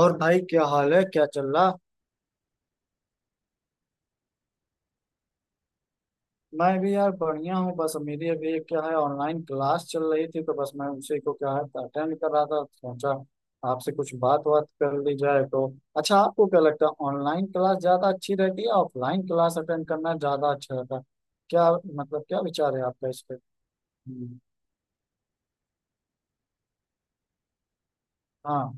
और भाई क्या हाल है, क्या चल रहा। मैं भी यार बढ़िया हूँ। बस मेरी अभी एक क्या है, ऑनलाइन क्लास चल रही थी तो बस मैं उसी को क्या है अटेंड कर रहा था। सोचा आपसे कुछ बात बात कर ली जाए तो। अच्छा, आपको क्या लगता है, ऑनलाइन क्लास ज्यादा अच्छी रहती है या ऑफलाइन क्लास अटेंड करना ज्यादा अच्छा रहता है? क्या मतलब, क्या विचार है आपका इस पे? हम्म। हाँ।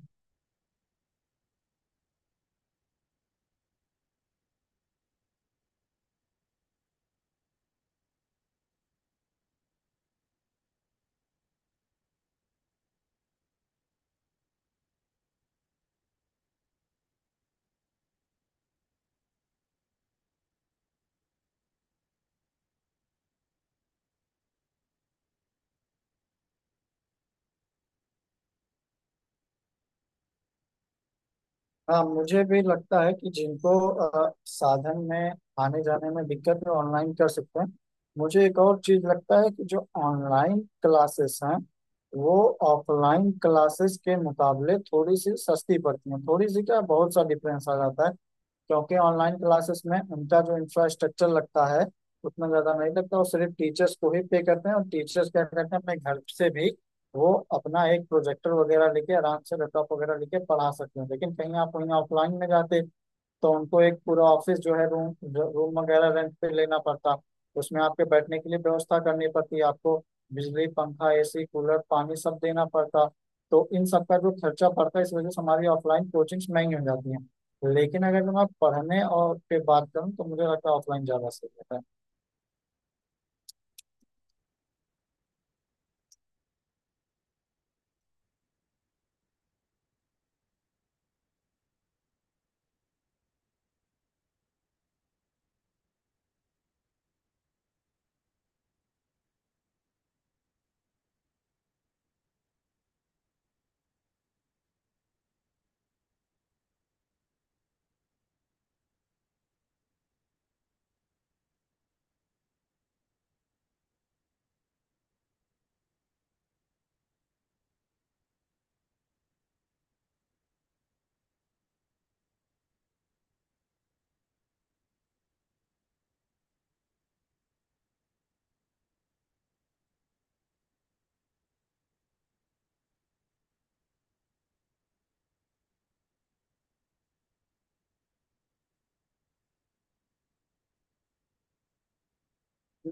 हाँ, मुझे भी लगता है कि जिनको साधन में आने जाने में दिक्कत है, ऑनलाइन कर सकते हैं। मुझे एक और चीज लगता है कि जो ऑनलाइन क्लासेस हैं वो ऑफलाइन क्लासेस के मुकाबले थोड़ी सी सस्ती पड़ती हैं। थोड़ी सी क्या, बहुत सा डिफरेंस आ जाता है, क्योंकि ऑनलाइन क्लासेस में उनका जो इंफ्रास्ट्रक्चर लगता है उतना ज्यादा नहीं लगता। वो सिर्फ टीचर्स को ही पे करते हैं, और टीचर्स क्या करते हैं, अपने घर से भी वो अपना एक प्रोजेक्टर वगैरह लेके आराम से, लैपटॉप वगैरह लेके पढ़ा सकते हैं। लेकिन कहीं आप वहीं ऑफलाइन में जाते तो उनको एक पूरा ऑफिस जो है, रूम रूम वगैरह रेंट पे लेना पड़ता। उसमें आपके बैठने के लिए व्यवस्था करनी पड़ती आपको। बिजली, पंखा, एसी, कूलर, पानी सब देना पड़ता। तो इन सब का जो खर्चा पड़ता है, इस वजह से हमारी ऑफलाइन कोचिंग्स महंगी हो जाती हैं। लेकिन अगर मैं पढ़ने और पे बात करूँ तो मुझे लगता है ऑफलाइन ज़्यादा सही रहता है।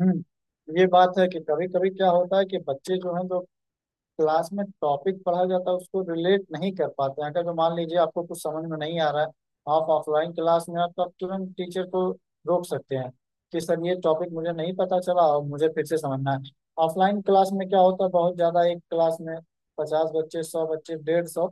हम्म, ये बात है कि कभी कभी क्या होता है कि बच्चे जो हैं, जो क्लास में टॉपिक पढ़ा जाता है उसको रिलेट नहीं कर पाते हैं। अगर जो मान लीजिए आपको कुछ समझ में नहीं आ रहा है, आप ऑफलाइन क्लास में आप तो आप तुरंत टीचर को रोक सकते हैं कि सर, ये टॉपिक मुझे नहीं पता चला और मुझे फिर से समझना है। ऑफलाइन क्लास में क्या होता है, बहुत ज़्यादा एक क्लास में 50 बच्चे, 100 बच्चे, 150,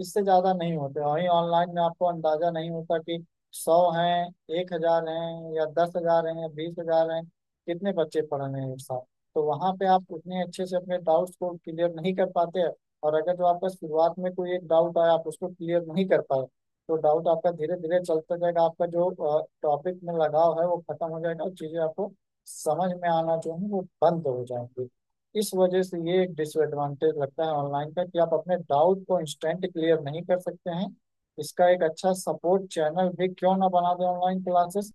इससे ज़्यादा नहीं होते। वहीं ऑनलाइन में आपको अंदाजा नहीं होता कि 100 हैं, 1,000 हैं, या 10,000 हैं या 20,000 हैं, कितने बच्चे पढ़ रहे हैं एक साथ। तो वहां पे आप उतने अच्छे से अपने डाउट्स को क्लियर नहीं कर पाते हैं। और अगर जो आपका शुरुआत में कोई एक डाउट आया, आप उसको क्लियर नहीं कर पाए, तो डाउट आपका धीरे धीरे चलता जाएगा, आपका जो टॉपिक में लगाव है वो खत्म हो जाएगा और चीजें आपको समझ में आना जो है वो बंद हो जाएंगी। इस वजह से ये एक डिसएडवांटेज लगता है ऑनलाइन का कि आप अपने डाउट को इंस्टेंट क्लियर नहीं कर सकते हैं। इसका एक अच्छा सपोर्ट चैनल भी क्यों ना बना दें ऑनलाइन क्लासेस,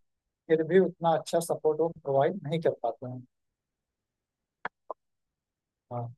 फिर भी उतना अच्छा सपोर्ट वो प्रोवाइड नहीं कर पाते हैं। हाँ।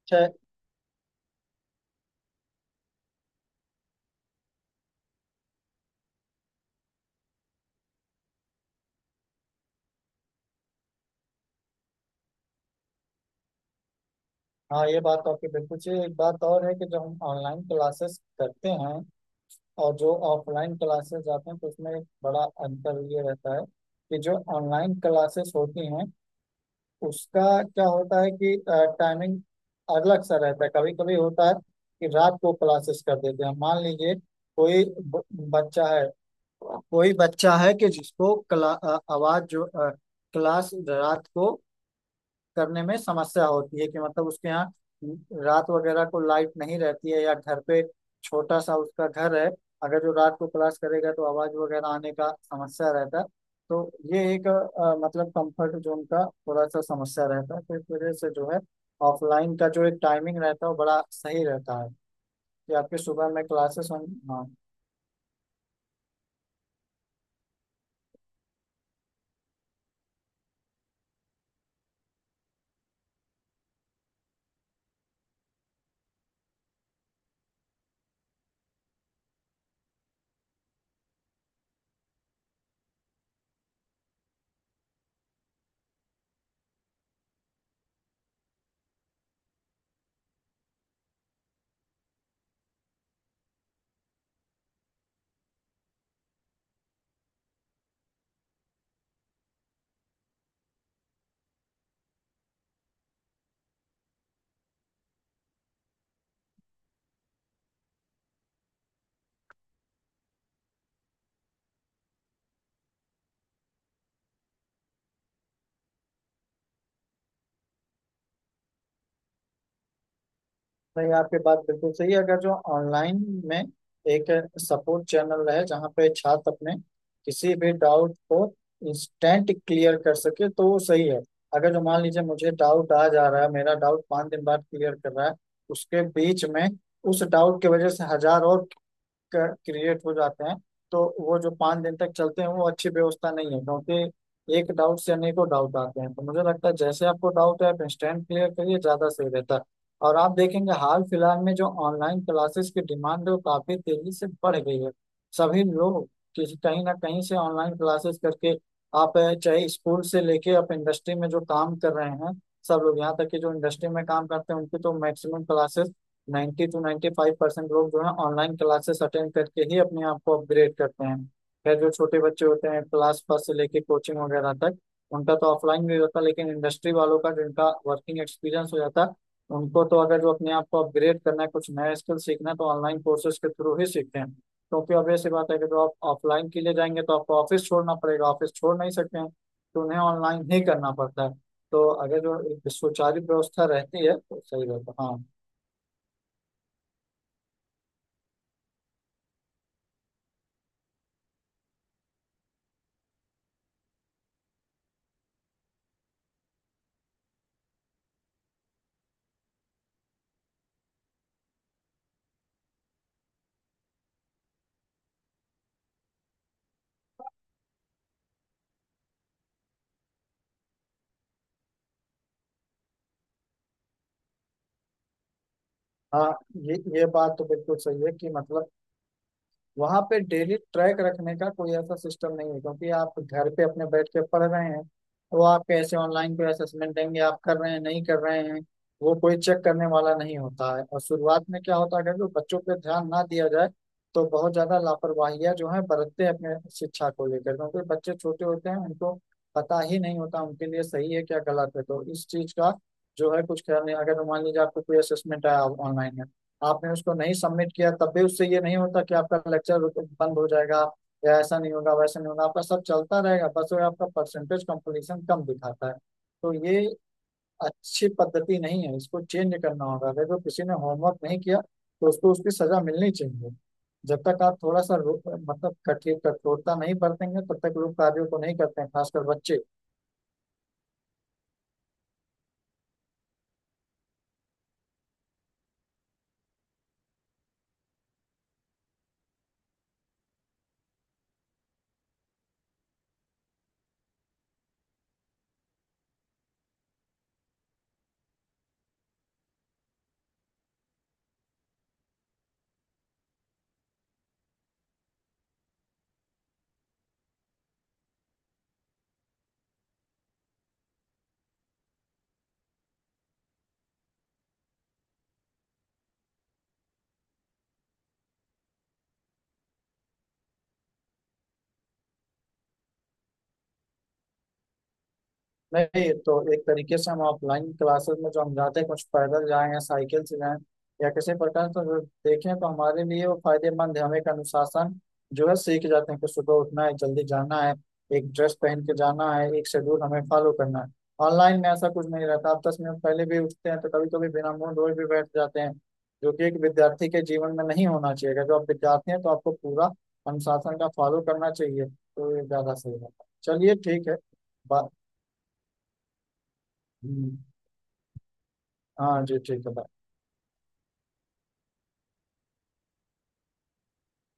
अच्छा। हाँ, ये बात तो आपकी बिल्कुल सही है। एक बात और है कि जो हम ऑनलाइन क्लासेस करते हैं और जो ऑफलाइन क्लासेस जाते हैं, तो उसमें एक बड़ा अंतर ये रहता है कि जो ऑनलाइन क्लासेस होती हैं उसका क्या होता है कि टाइमिंग अलग सा रहता है। कभी कभी होता है कि रात को क्लासेस कर देते हैं। मान लीजिए कोई बच्चा है, कोई बच्चा है कि जिसको आवाज जो क्लास रात को करने में समस्या होती है कि मतलब उसके यहाँ रात वगैरह को लाइट नहीं रहती है, या घर पे छोटा सा उसका घर है, अगर जो रात को क्लास करेगा तो आवाज वगैरह आने का समस्या रहता है। तो ये एक मतलब कंफर्ट जोन का थोड़ा सा समस्या रहता है। तो इस वजह से जो है, ऑफलाइन का जो एक टाइमिंग रहता है वो बड़ा सही रहता है कि आपके सुबह में क्लासेस हों। हाँ, नहीं आपकी बात बिल्कुल सही है। अगर जो ऑनलाइन में एक सपोर्ट चैनल रहे जहाँ पे छात्र अपने किसी भी डाउट को इंस्टेंट क्लियर कर सके तो वो सही है। अगर जो मान लीजिए मुझे डाउट आ जा रहा है, मेरा डाउट 5 दिन बाद क्लियर कर रहा है, उसके बीच में उस डाउट की वजह से 1,000 और क्रिएट हो जाते हैं, तो वो जो 5 दिन तक चलते हैं वो अच्छी व्यवस्था नहीं है, क्योंकि एक डाउट से अनेकों डाउट आते हैं। तो मुझे लगता है जैसे आपको डाउट है, आप इंस्टेंट क्लियर करिए, ज्यादा सही रहता है। और आप देखेंगे, हाल फिलहाल में जो ऑनलाइन क्लासेस की डिमांड है वो काफी तेजी से बढ़ गई है। सभी लोग किसी कहीं ना कहीं से ऑनलाइन क्लासेस करके आप चाहे स्कूल से लेके, आप इंडस्ट्री में जो काम कर रहे हैं, सब लोग, यहाँ तक कि जो इंडस्ट्री में काम करते हैं उनकी तो मैक्सिमम क्लासेस, 92 95% परसेंट लोग जो है ऑनलाइन क्लासेस अटेंड करके ही अपने आप को अपग्रेड करते हैं। खैर, जो छोटे बच्चे होते हैं क्लास फर्स्ट से लेके कोचिंग वगैरह तक, उनका तो ऑफलाइन भी होता है। लेकिन इंडस्ट्री वालों का, जिनका वर्किंग एक्सपीरियंस हो जाता है, उनको तो अगर जो अपने आप को अपग्रेड करना है, कुछ नया स्किल सीखना है, तो ऑनलाइन कोर्सेज के थ्रू ही सीखते हैं, क्योंकि obvious सी बात है कि जो आप ऑफलाइन के लिए जाएंगे तो आपको ऑफिस छोड़ना पड़ेगा, ऑफिस छोड़ नहीं सकते हैं। तो उन्हें ऑनलाइन ही करना पड़ता है। तो अगर जो एक सुचारू व्यवस्था रहती है तो सही रहता है। हाँ। हाँ, ये बात तो बिल्कुल सही है कि मतलब वहां पे डेली ट्रैक रखने का कोई ऐसा सिस्टम नहीं है, क्योंकि आप घर पे अपने बैठ के पढ़ रहे हैं। तो आप कैसे ऑनलाइन कोई असेसमेंट देंगे, आप कर रहे हैं नहीं कर रहे हैं, वो कोई चेक करने वाला नहीं होता है। और शुरुआत में क्या होता है, अगर जो बच्चों पे ध्यान ना दिया जाए तो बहुत ज्यादा लापरवाहियां जो है बरतते हैं अपने शिक्षा को लेकर, क्योंकि बच्चे छोटे होते हैं उनको पता ही नहीं होता उनके लिए सही है क्या गलत है। तो इस चीज का जो है कुछ ख्याल नहीं। अगर मान लीजिए आपको कोई असेसमेंट आया ऑनलाइन, आपने उसको नहीं सबमिट किया, तब भी उससे ये नहीं होता कि आपका लेक्चर बंद हो जाएगा, या ऐसा नहीं होगा वैसा नहीं होगा, आपका सब चलता रहेगा, बस वो आपका परसेंटेज कंप्लीशन कम दिखाता है। तो ये अच्छी पद्धति नहीं है, इसको चेंज करना होगा। अगर जो किसी ने होमवर्क नहीं किया तो उसको उसकी सजा मिलनी चाहिए। जब तक आप थोड़ा सा मतलब कठिन, कठोरता नहीं बरतेंगे, तब तक लोग कार्यों को नहीं करते हैं, खासकर बच्चे। नहीं तो एक तरीके से हम ऑफलाइन क्लासेस में जो हम जाते हैं, कुछ पैदल जाएं या साइकिल से जाएं या किसी प्रकार से, अगर देखें तो हमारे लिए वो फायदेमंद है। हम एक अनुशासन जो है सीख जाते हैं कि सुबह उठना है, जल्दी जाना है, एक ड्रेस पहन के जाना है, एक शेड्यूल हमें फॉलो करना है। ऑनलाइन में ऐसा कुछ नहीं रहता, आप 10 मिनट पहले भी उठते हैं तो कभी कभी बिना मुंह धोए भी बैठ जाते हैं, जो कि एक विद्यार्थी के जीवन में नहीं होना चाहिए। अगर जो आप विद्यार्थी हैं तो आपको पूरा अनुशासन का फॉलो करना चाहिए। तो ये ज्यादा सही रहता है। चलिए, ठीक है। बा- हम्म। हाँ जी, ठीक है, bye।